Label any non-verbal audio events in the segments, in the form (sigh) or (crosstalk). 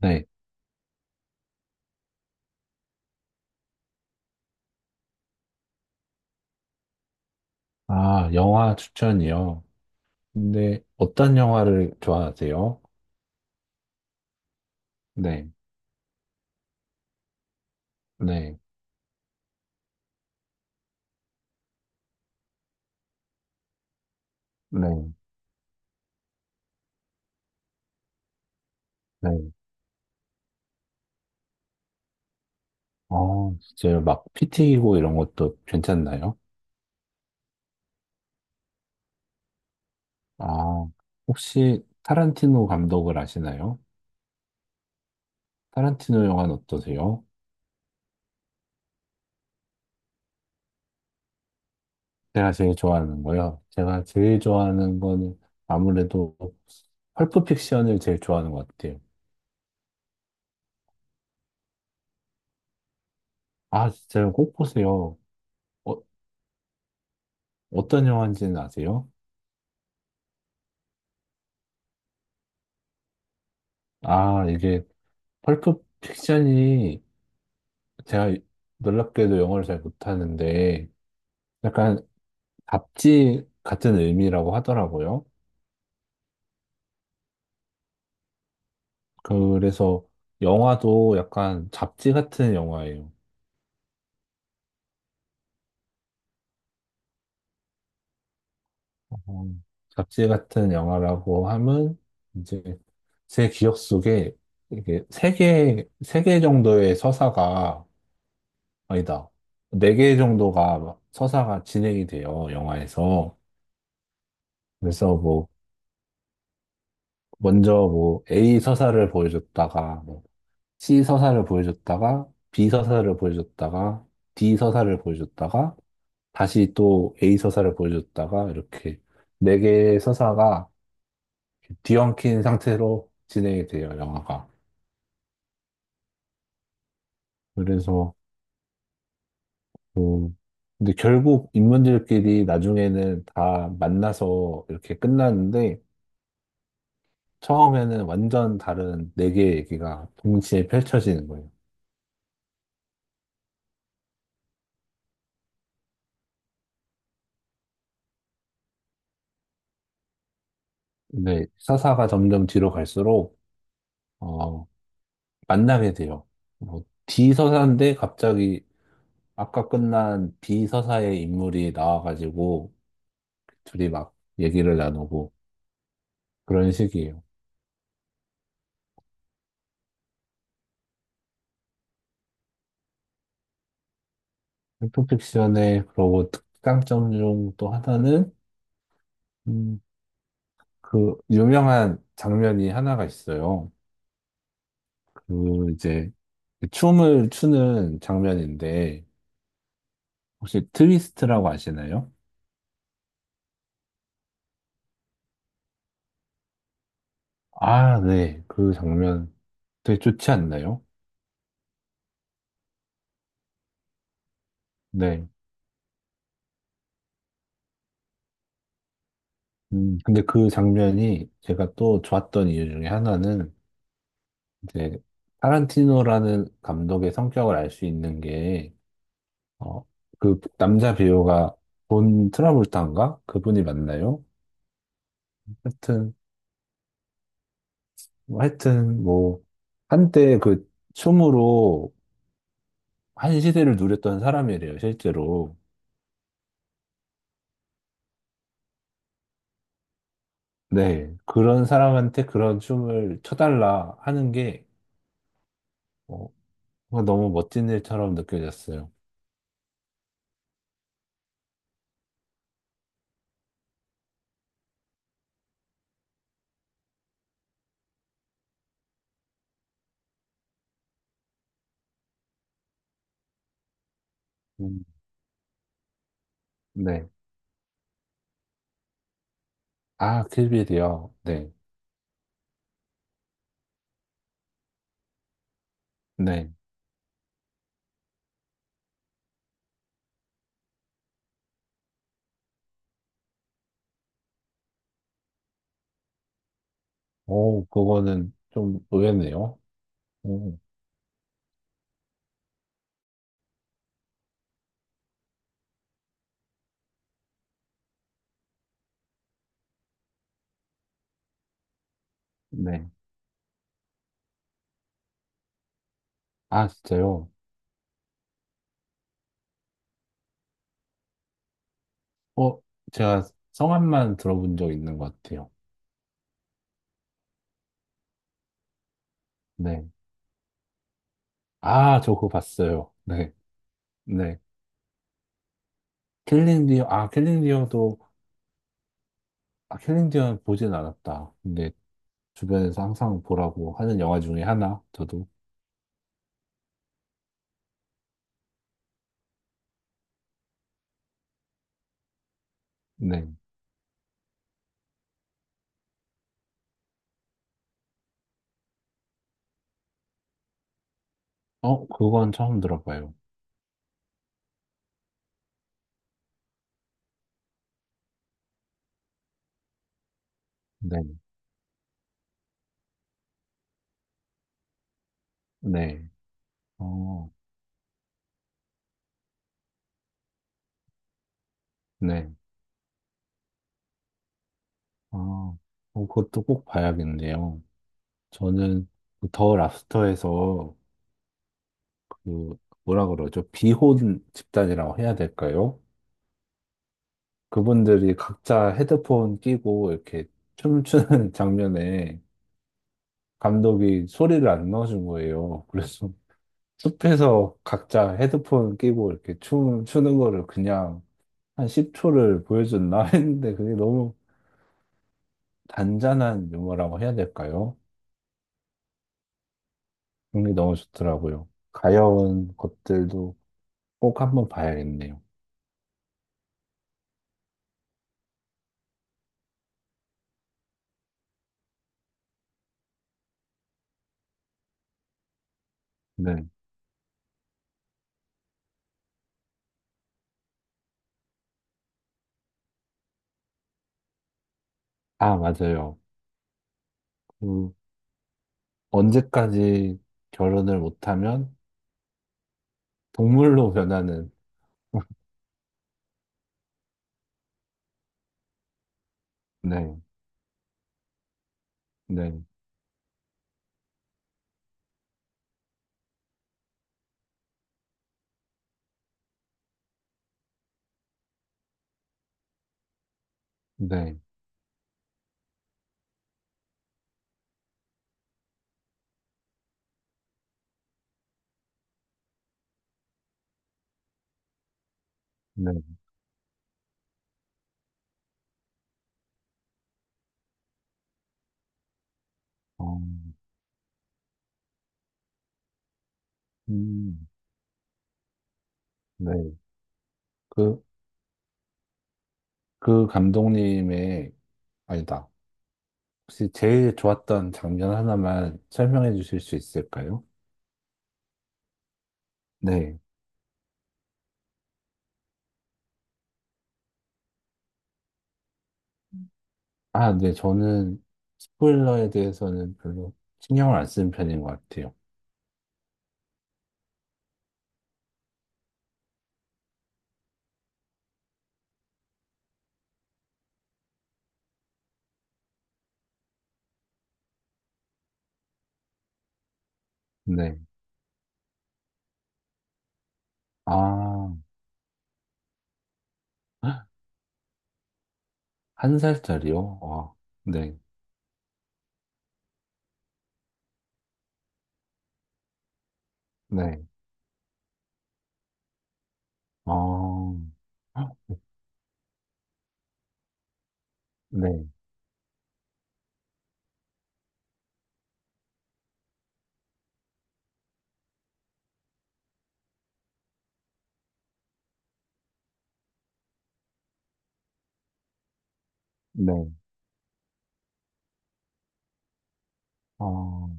네. 아, 영화 추천이요. 근데 어떤 영화를 좋아하세요? 네, 네, 네, 네. 어, 진짜요. 막 피 튀기고 이런 것도 괜찮나요? 아, 혹시 타란티노 감독을 아시나요? 타란티노 영화는 어떠세요? 제가 제일 좋아하는 거요. 제가 제일 좋아하는 거는 아무래도 펄프 픽션을 제일 좋아하는 것 같아요. 아, 진짜요. 꼭 보세요. 어, 어떤 영화인지는 아세요? 아, 이게 펄프 픽션이 제가 놀랍게도 영어를 잘 못하는데 약간 잡지 같은 의미라고 하더라고요. 그래서 영화도 약간 잡지 같은 영화예요. 어, 잡지 같은 영화라고 하면 이제 제 기억 속에 이게 세 개, 세 개 정도의 서사가 아니다. 네 개 정도가 서사가 진행이 돼요, 영화에서. 그래서 뭐 먼저 뭐 A 서사를 보여줬다가 뭐 C 서사를 보여줬다가 B 서사를 보여줬다가 D 서사를 보여줬다가 다시 또 A 서사를 보여줬다가 이렇게 네 개의 서사가 뒤엉킨 상태로 진행이 돼요, 영화가. 그래서 뭐 근데 결국 인물들끼리 나중에는 다 만나서 이렇게 끝나는데 처음에는 완전 다른 네 개의 얘기가 동시에 펼쳐지는 거예요. 근데 서사가 점점 뒤로 갈수록 어, 만나게 돼요. 뭐, D 서사인데 갑자기 아까 끝난 B 서사의 인물이 나와가지고 둘이 막 얘기를 나누고 그런 식이에요. 셀프픽션의 그러고 특강점 중 또 하나는 음, 그 유명한 장면이 하나가 있어요. 그 이제 춤을 추는 장면인데 혹시 트위스트라고 아시나요? 아, 네. 그 장면 되게 좋지 않나요? 네. 근데 그 장면이 제가 또 좋았던 이유 중에 하나는 이제 타란티노라는 감독의 성격을 알 수 있는 게, 어, 그 남자 배우가 본 트라볼타인가? 그분이 맞나요? 하여튼, 하여튼, 뭐 한때 그 춤으로 한 시대를 누렸던 사람이래요, 실제로. 네, 그런 사람한테 그런 춤을 춰달라 하는 게 어, 너무 멋진 일처럼 느껴졌어요. 음, 네. 아, 킬빌이요. 네. 네. 오, 그거는 좀 의외네요. 오, 네. 아, 진짜요? 어, 제가 성함만 들어본 적 있는 것 같아요. 네. 아, 저 그거 봤어요. 네. 네. 킬링 디어, 아, 킬링 디어도, 아, 킬링 디어는 보진 않았다. 근데 주변에서 항상 보라고 하는 영화 중에 하나, 저도. 네. 그건 처음 들어봐요. 네. 네. 어, 네. 아, 그것도 꼭 봐야겠네요. 저는 그더 랍스터에서 그 뭐라 그러죠? 비혼 집단이라고 해야 될까요? 그분들이 각자 헤드폰 끼고 이렇게 춤추는 (laughs) 장면에 감독이 소리를 안 넣어준 거예요. 그래서 숲에서 각자 헤드폰 끼고 이렇게 춤 추는 거를 그냥 한 10초를 보여줬나 (laughs) 했는데 그게 너무 단짠한 유머라고 해야 될까요? 그게 너무 좋더라고요. 가여운 것들도 꼭 한번 봐야겠네요. 네. 아, 맞아요. 그, 언제까지 결혼을 못하면 동물로 변하는, (laughs) 네, 네, 네, 네, 어, 음, 네. 그, 그 감독님의, 아니다. 혹시 제일 좋았던 장면 하나만 설명해 주실 수 있을까요? 네. 아, 네. 저는 스포일러에 대해서는 별로 신경을 안 쓰는 편인 것 같아요. 네. 아, 1살짜리요? 아, 네. 네. 아, 네, 네. 아,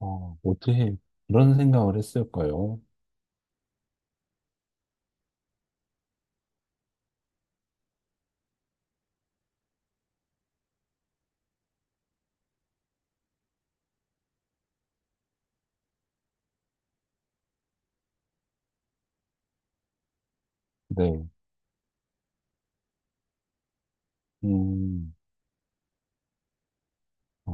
아, 어떻게 그런 생각을 했을까요? 네, 음, 아,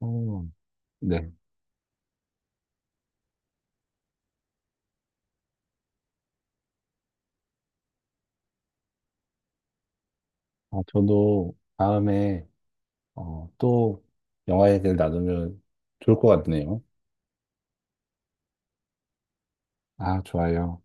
어, 네. 아, 저도 다음에 또 영화에 대해 나누면 좋을 것 같네요. 아, 좋아요.